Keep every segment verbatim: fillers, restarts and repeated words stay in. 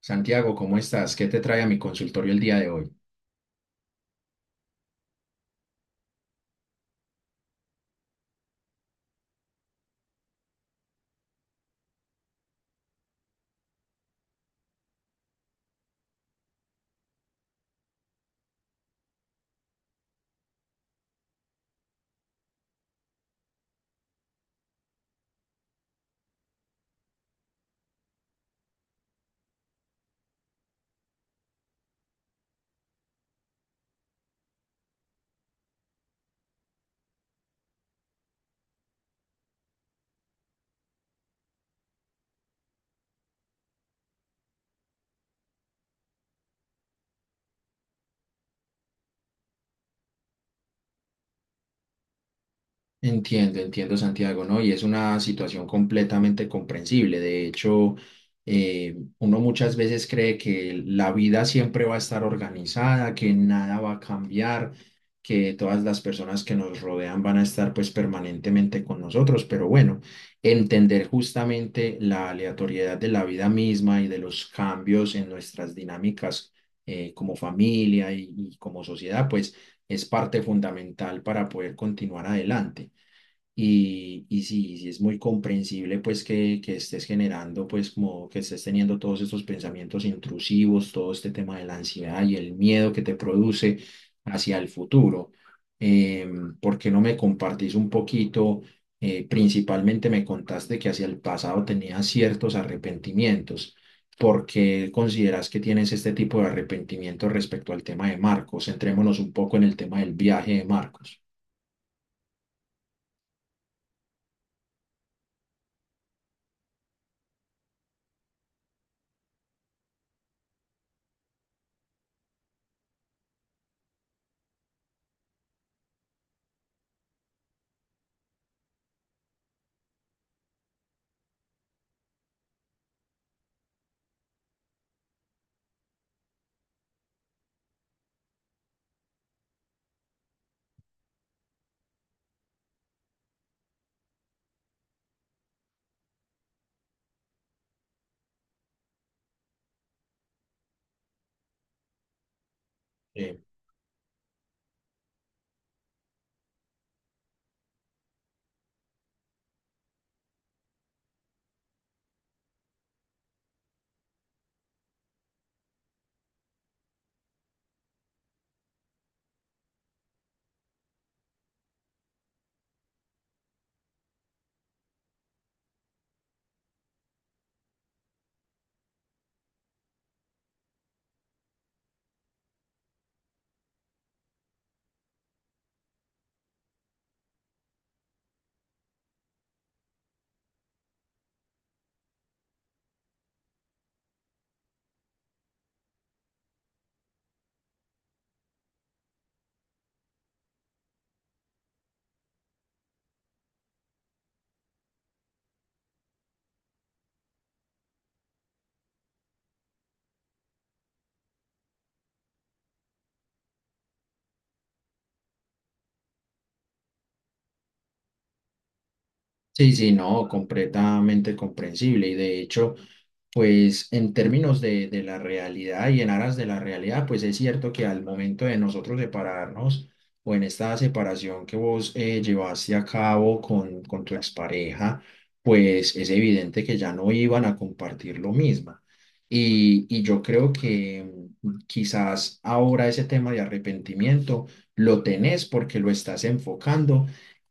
Santiago, ¿cómo estás? ¿Qué te trae a mi consultorio el día de hoy? Entiendo, entiendo, Santiago, ¿no? Y es una situación completamente comprensible. De hecho, eh, uno muchas veces cree que la vida siempre va a estar organizada, que nada va a cambiar, que todas las personas que nos rodean van a estar pues permanentemente con nosotros. Pero bueno, entender justamente la aleatoriedad de la vida misma y de los cambios en nuestras dinámicas eh, como familia y y como sociedad, pues es parte fundamental para poder continuar adelante. Y, y sí, sí es muy comprensible pues que, que estés generando pues como que estés teniendo todos estos pensamientos intrusivos, todo este tema de la ansiedad y el miedo que te produce hacia el futuro. Em, ¿por qué no me compartís un poquito? Eh, principalmente me contaste que hacia el pasado tenías ciertos arrepentimientos. ¿Por qué consideras que tienes este tipo de arrepentimiento respecto al tema de Marcos? Centrémonos un poco en el tema del viaje de Marcos. Eh, Sí, sí, no, completamente comprensible. Y de hecho, pues en términos de, de la realidad y en aras de la realidad, pues es cierto que al momento de nosotros separarnos o en esta separación que vos eh, llevaste a cabo con, con tu expareja, pues es evidente que ya no iban a compartir lo mismo. Y, y yo creo que mm, quizás ahora ese tema de arrepentimiento lo tenés porque lo estás enfocando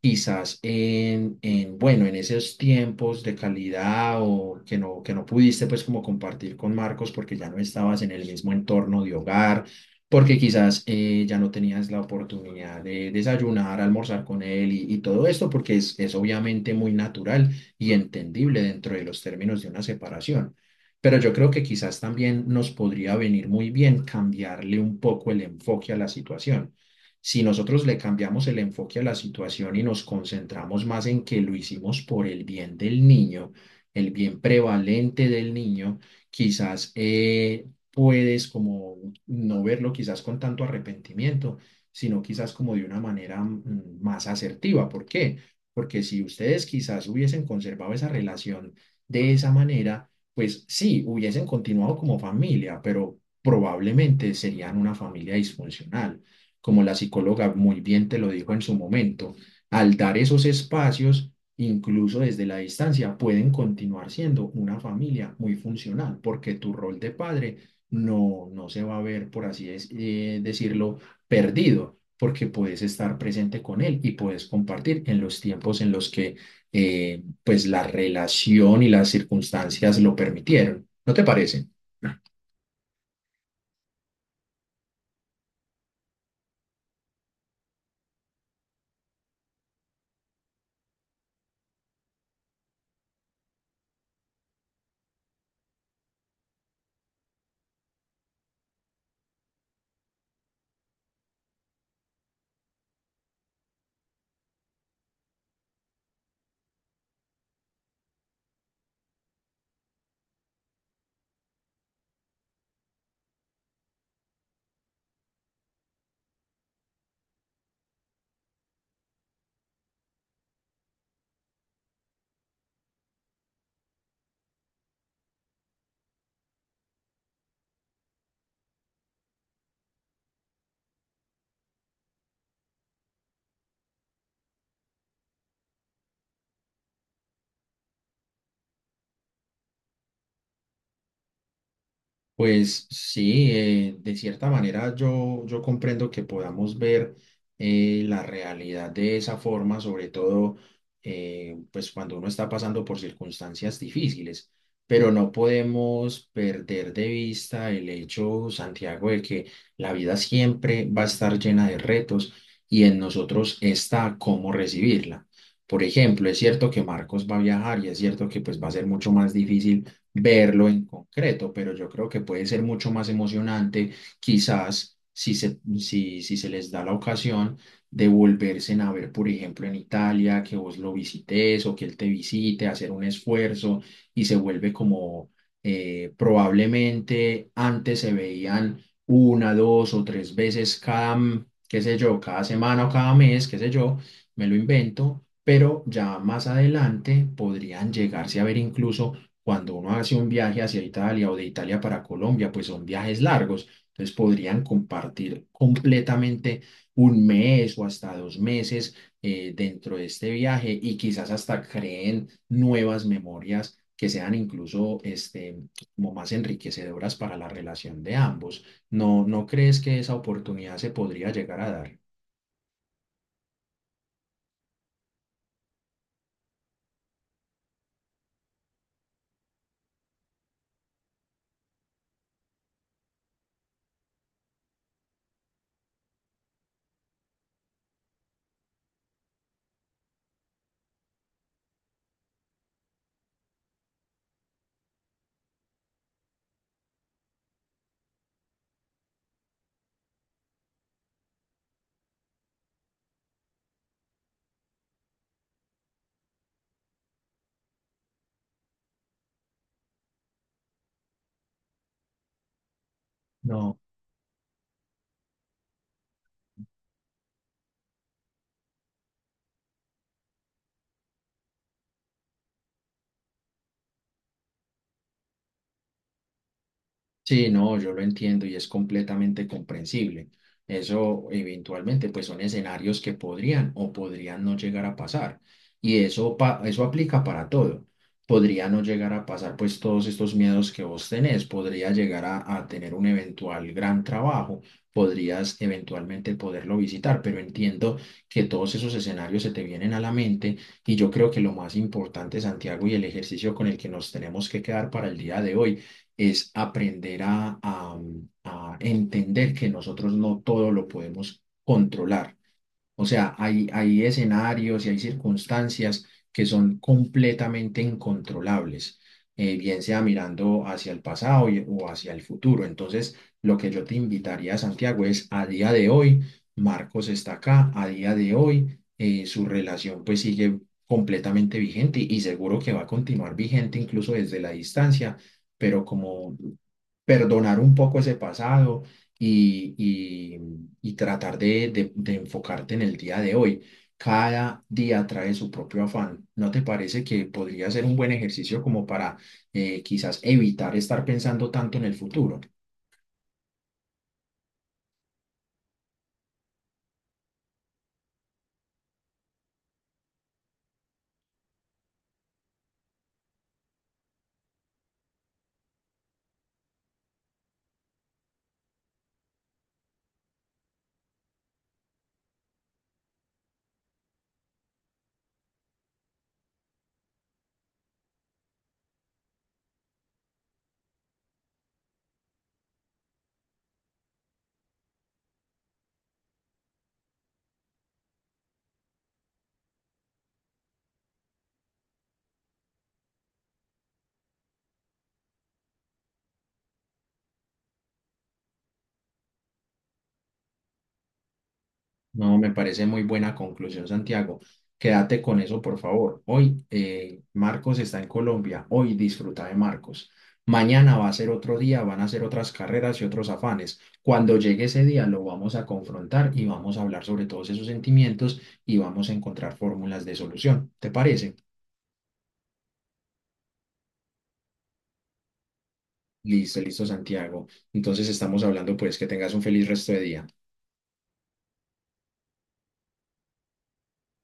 quizás en, en, bueno, en esos tiempos de calidad o que no, que no pudiste pues como compartir con Marcos porque ya no estabas en el mismo entorno de hogar, porque quizás eh, ya no tenías la oportunidad de desayunar, almorzar con él y, y todo esto, porque es, es obviamente muy natural y entendible dentro de los términos de una separación. Pero yo creo que quizás también nos podría venir muy bien cambiarle un poco el enfoque a la situación. Si nosotros le cambiamos el enfoque a la situación y nos concentramos más en que lo hicimos por el bien del niño, el bien prevalente del niño, quizás eh, puedes como no verlo quizás con tanto arrepentimiento, sino quizás como de una manera mm, más asertiva. ¿Por qué? Porque si ustedes quizás hubiesen conservado esa relación de esa manera, pues sí, hubiesen continuado como familia, pero probablemente serían una familia disfuncional como la psicóloga muy bien te lo dijo en su momento, al dar esos espacios, incluso desde la distancia, pueden continuar siendo una familia muy funcional, porque tu rol de padre no, no se va a ver, por así es- eh, decirlo, perdido, porque puedes estar presente con él y puedes compartir en los tiempos en los que eh, pues la relación y las circunstancias lo permitieron. ¿No te parece? Pues sí, eh, de cierta manera yo, yo comprendo que podamos ver eh, la realidad de esa forma, sobre todo eh, pues cuando uno está pasando por circunstancias difíciles, pero no podemos perder de vista el hecho, Santiago, de que la vida siempre va a estar llena de retos y en nosotros está cómo recibirla. Por ejemplo, es cierto que Marcos va a viajar y es cierto que pues va a ser mucho más difícil verlo en concreto, pero yo creo que puede ser mucho más emocionante, quizás si se, si, si se les da la ocasión de volverse a ver, por ejemplo, en Italia, que vos lo visites o que él te visite, hacer un esfuerzo y se vuelve como eh, probablemente antes se veían una, dos o tres veces cada, mm, qué sé yo, cada semana o cada mes, qué sé yo, me lo invento. Pero ya más adelante podrían llegarse a ver incluso cuando uno hace un viaje hacia Italia o de Italia para Colombia, pues son viajes largos. Entonces podrían compartir completamente un mes o hasta dos meses eh, dentro de este viaje y quizás hasta creen nuevas memorias que sean incluso este, como más enriquecedoras para la relación de ambos. ¿No, no crees que esa oportunidad se podría llegar a dar? No. Sí, no, yo lo entiendo y es completamente comprensible. Eso eventualmente pues son escenarios que podrían o podrían no llegar a pasar. Y eso, pa- eso aplica para todo. Podría no llegar a pasar pues todos estos miedos que vos tenés. Podría llegar a, a tener un eventual gran trabajo. Podrías eventualmente poderlo visitar, pero entiendo que todos esos escenarios se te vienen a la mente y yo creo que lo más importante, Santiago, y el ejercicio con el que nos tenemos que quedar para el día de hoy es aprender a, a- a entender que nosotros no todo lo podemos controlar. O sea, hay, hay escenarios y hay circunstancias que son completamente incontrolables, eh, bien sea mirando hacia el pasado y- o hacia el futuro. Entonces, lo que yo te invitaría, Santiago, es a día de hoy, Marcos está acá, a día de hoy, eh, su relación pues sigue completamente vigente y seguro que va a continuar vigente incluso desde la distancia, pero como perdonar un poco ese pasado y, y- y tratar de, de- de enfocarte en el día de hoy. Cada día trae su propio afán. ¿No te parece que podría ser un buen ejercicio como para eh, quizás evitar estar pensando tanto en el futuro? No, me parece muy buena conclusión, Santiago. Quédate con eso, por favor. Hoy eh, Marcos está en Colombia. Hoy disfruta de Marcos. Mañana va a ser otro día, van a ser otras carreras y otros afanes. Cuando llegue ese día lo vamos a confrontar y vamos a hablar sobre todos esos sentimientos y vamos a encontrar fórmulas de solución. ¿Te parece? Listo, listo, Santiago. Entonces estamos hablando, pues que tengas un feliz resto de día.